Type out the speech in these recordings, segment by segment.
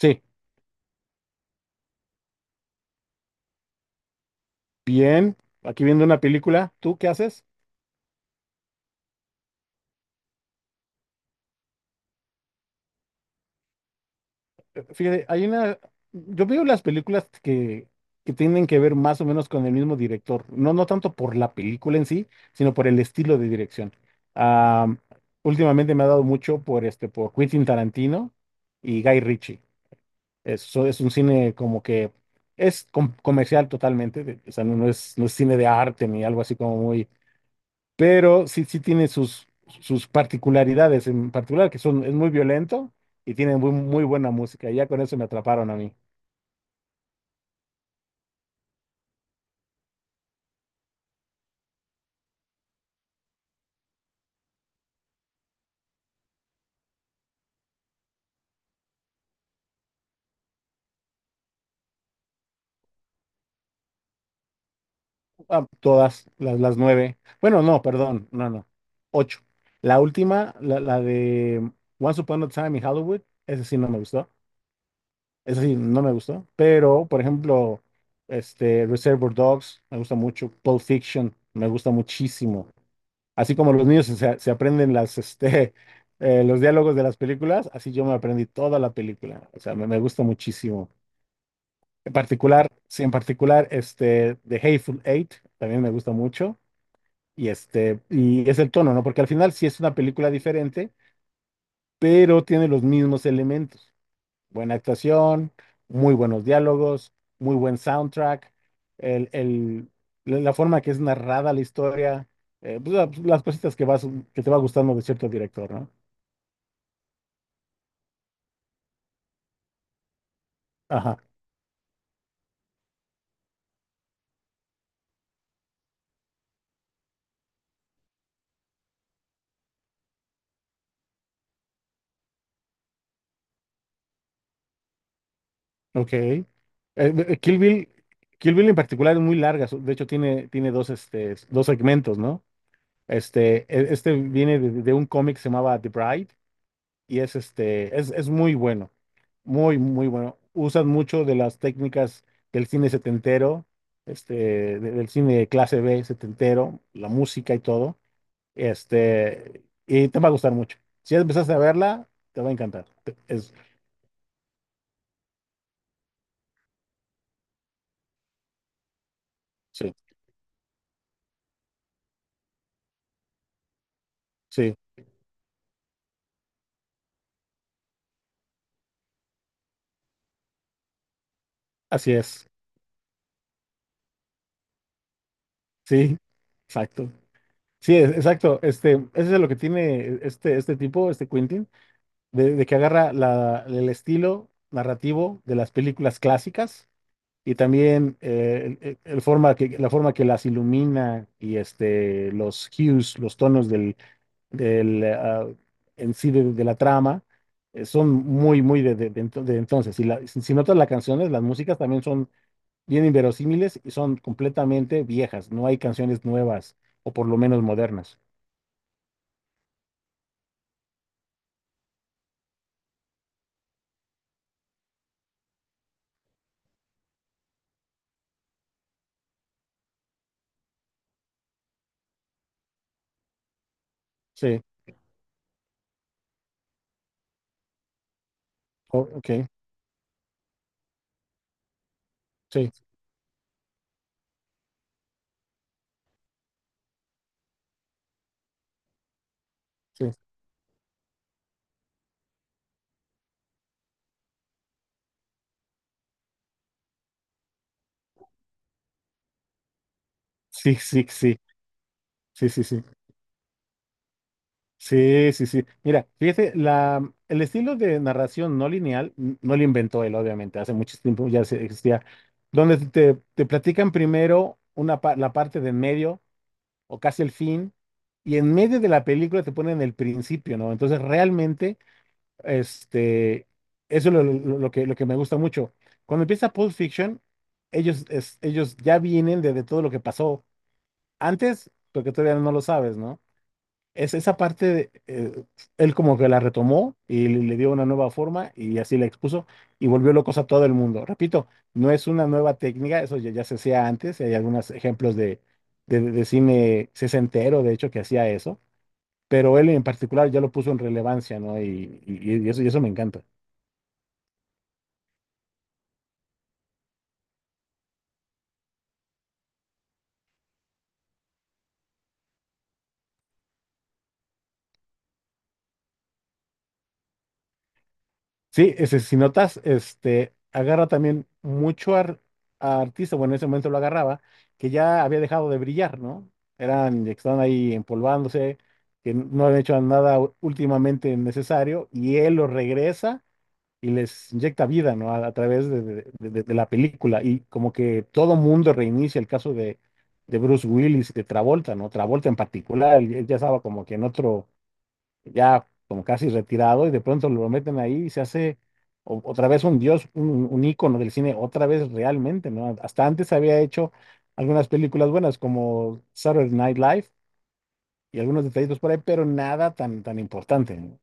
Sí, bien. Aquí viendo una película, ¿tú qué haces? Fíjate, hay una, yo veo las películas que tienen que ver más o menos con el mismo director, no, no tanto por la película en sí, sino por el estilo de dirección. Am, Últimamente me ha dado mucho por este, por Quentin Tarantino y Guy Ritchie. Eso es un cine como que es comercial totalmente, o sea, no es, no es cine de arte ni algo así como muy pero sí, sus particularidades en particular, que son, es muy violento y tiene muy, muy buena música. Y ya con eso me atraparon a mí. Ah, las nueve. Bueno, no, perdón, no, no. Ocho. La última, la de Once Upon a Time in Hollywood, esa sí no me gustó. Esa sí no me gustó. Pero, por ejemplo, Reservoir Dogs me gusta mucho. Pulp Fiction me gusta muchísimo. Así como los niños se aprenden los diálogos de las películas, así yo me aprendí toda la película. O sea, me gusta muchísimo. En particular, sí, en particular, The Hateful Eight también me gusta mucho. Y este, y es el tono, ¿no? Porque al final sí es una película diferente, pero tiene los mismos elementos. Buena actuación, muy buenos diálogos, muy buen soundtrack, el, el- la forma que es narrada la historia, pues, las cositas que vas, que te va gustando de cierto director, ¿no? Ajá, ok. Kill Bill, Kill Bill en particular es muy larga, de hecho tiene, tiene dos, dos segmentos, ¿no? Este, este viene de un cómic que se llamaba The Bride, y es es muy bueno, muy, muy bueno. Usan mucho de las técnicas del cine setentero, este, del cine de clase B setentero, la música y todo, y te va a gustar mucho. Si ya empezaste a verla, te va a encantar. Es, sí, sí, así es, sí, exacto. Sí, exacto. Este, eso es lo que tiene este tipo, este Quentin, de que agarra el estilo narrativo de las películas clásicas. Y también el forma que, la forma que las ilumina y este, los tonos ah, en sí de la trama, son muy, muy de de entonces. Y si, si notas las canciones, las músicas también son bien inverosímiles y son completamente viejas. No hay canciones nuevas o por lo menos modernas. Sí, ok, sí, sí, sí, sí, sí, sí, sí, sí. sí. Sí, sí, sí. Mira, fíjate, el estilo de narración no lineal no lo inventó él, obviamente, hace mucho tiempo ya existía, donde te platican primero una, la parte de en medio o casi el fin, y en medio de la película te ponen el principio, ¿no? Entonces, realmente, este, eso es lo que me gusta mucho. Cuando empieza Pulp Fiction, ellos ya vienen de todo lo que pasó antes, porque todavía no lo sabes, ¿no? Es esa parte, de, él como que la retomó y le dio una nueva forma y así la expuso y volvió locos a todo el mundo. Repito, no es una nueva técnica, eso ya, ya se hacía antes, hay algunos ejemplos de cine sesentero, de hecho, que hacía eso, pero él en particular ya lo puso en relevancia, ¿no? Y eso me encanta. Sí, ese, si notas, este, agarra también mucho a artista, bueno, en ese momento lo agarraba, que ya había dejado de brillar, ¿no? Eran, que estaban ahí empolvándose, que no habían hecho nada últimamente necesario, y él los regresa y les inyecta vida, ¿no? A través de la película, y como que todo mundo reinicia el caso de Bruce Willis y de Travolta, ¿no? Travolta en particular, él ya estaba como que en otro ya como casi retirado, y de pronto lo meten ahí y se hace otra vez un dios, un ícono del cine, otra vez realmente, ¿no? Hasta antes había hecho algunas películas buenas como Saturday Night Live y algunos detallitos por ahí, pero nada tan, tan importante, ¿no?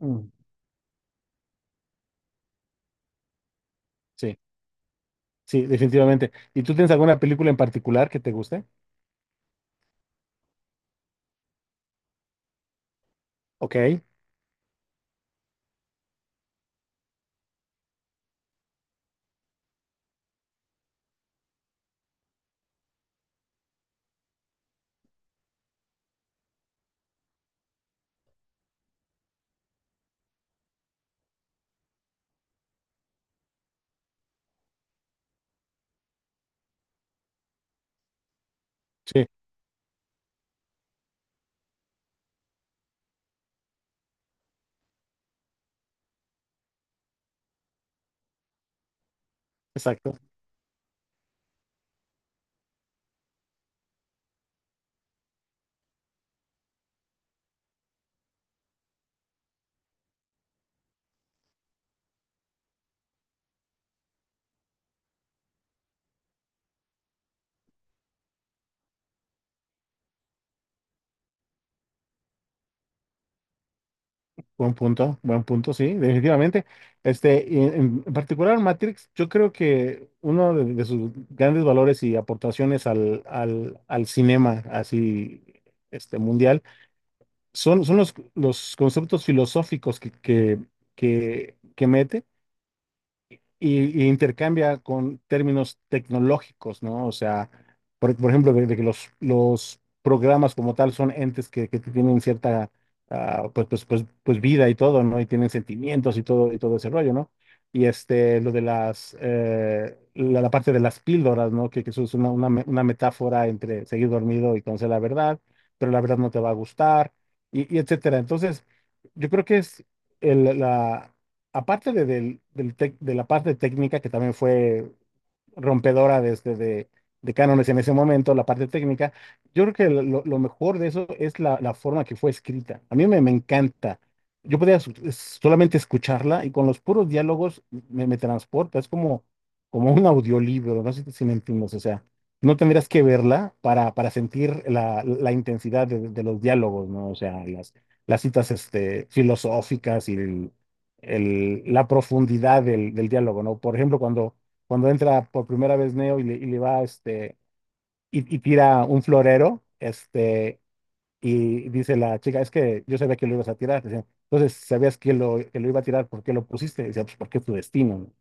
Mm. Sí, sí, definitivamente. ¿Y tú tienes alguna película en particular que te guste? Ok, sí, exacto. Buen punto, sí, definitivamente. Este, y en particular Matrix, yo creo que uno de sus grandes valores y aportaciones al cinema así este, mundial son los conceptos filosóficos que mete y intercambia con términos tecnológicos, ¿no? O sea, por ejemplo, de que los programas como tal son entes que tienen cierta, ah, pues vida y todo, ¿no? Y tienen sentimientos y todo ese rollo, ¿no? Y este, lo de las, la parte de las píldoras, ¿no? Que eso es una metáfora entre seguir dormido y conocer la verdad, pero la verdad no te va a gustar, y etcétera. Entonces, yo creo que es la, aparte del de la parte técnica, que también fue rompedora desde de cánones en ese momento, la parte técnica. Yo creo que lo mejor de eso es la forma que fue escrita. A mí me encanta. Yo podía solamente escucharla y con los puros diálogos me transporta. Es como, como un audiolibro, no sé si me entiendes. O sea, no tendrías que verla para sentir la intensidad de los diálogos, ¿no? O sea, las citas este, filosóficas y la profundidad del diálogo, ¿no? Por ejemplo, cuando entra por primera vez Neo y le va, este, y tira un florero, este, y dice la chica, es que yo sabía que lo ibas a tirar. Dice, entonces, sabías que que lo iba a tirar, ¿por qué lo pusiste? Dice, pues porque es tu destino. ¿No?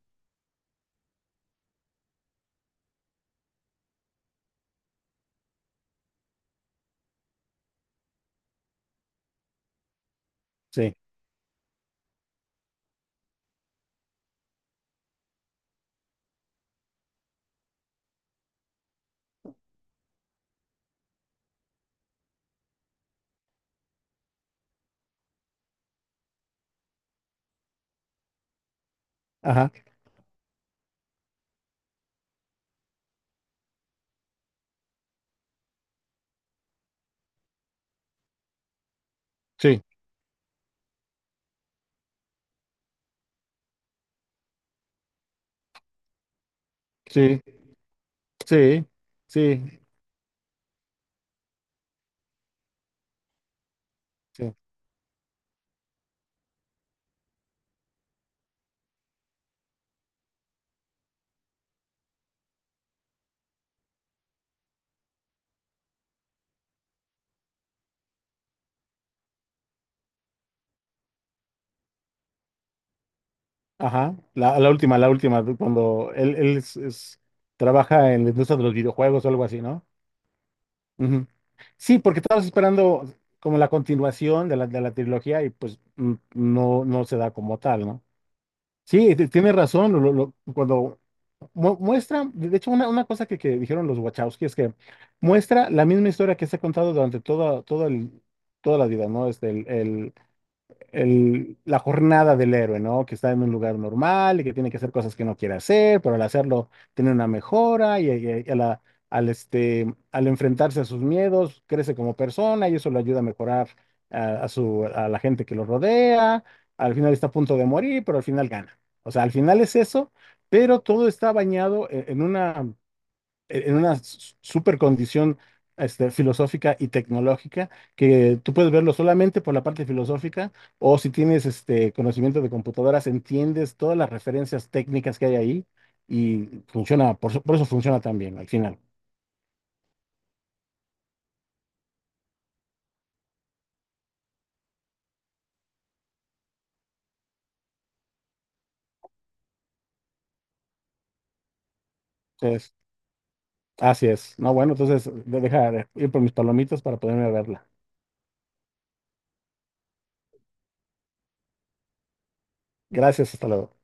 Sí, ajá, sí, sí, sí, sí, sí, ajá. La última, cuando trabaja en la industria de los videojuegos o algo así, ¿no? Ujú. Sí, porque estabas esperando como la continuación de la trilogía y pues mm, no, no se da como tal, ¿no? Sí, tienes razón, cuando muestra, de hecho una cosa que dijeron los Wachowski es que muestra la misma historia que se ha contado durante toda la vida, ¿no? Este, el, la jornada del héroe, ¿no? Que está en un lugar normal y que tiene que hacer cosas que no quiere hacer, pero al hacerlo tiene una mejora y a este, al enfrentarse a sus miedos crece como persona y eso le ayuda a mejorar a su, a la gente que lo rodea. Al final está a punto de morir, pero al final gana. O sea, al final es eso, pero todo está bañado en una en una super condición este, filosófica y tecnológica que tú puedes verlo solamente por la parte filosófica o si tienes este conocimiento de computadoras, entiendes todas las referencias técnicas que hay ahí y funciona, eso por eso funciona tan bien al final. Entonces, así es. No, bueno, entonces deja ir por mis palomitas para poderme verla. Gracias, hasta luego.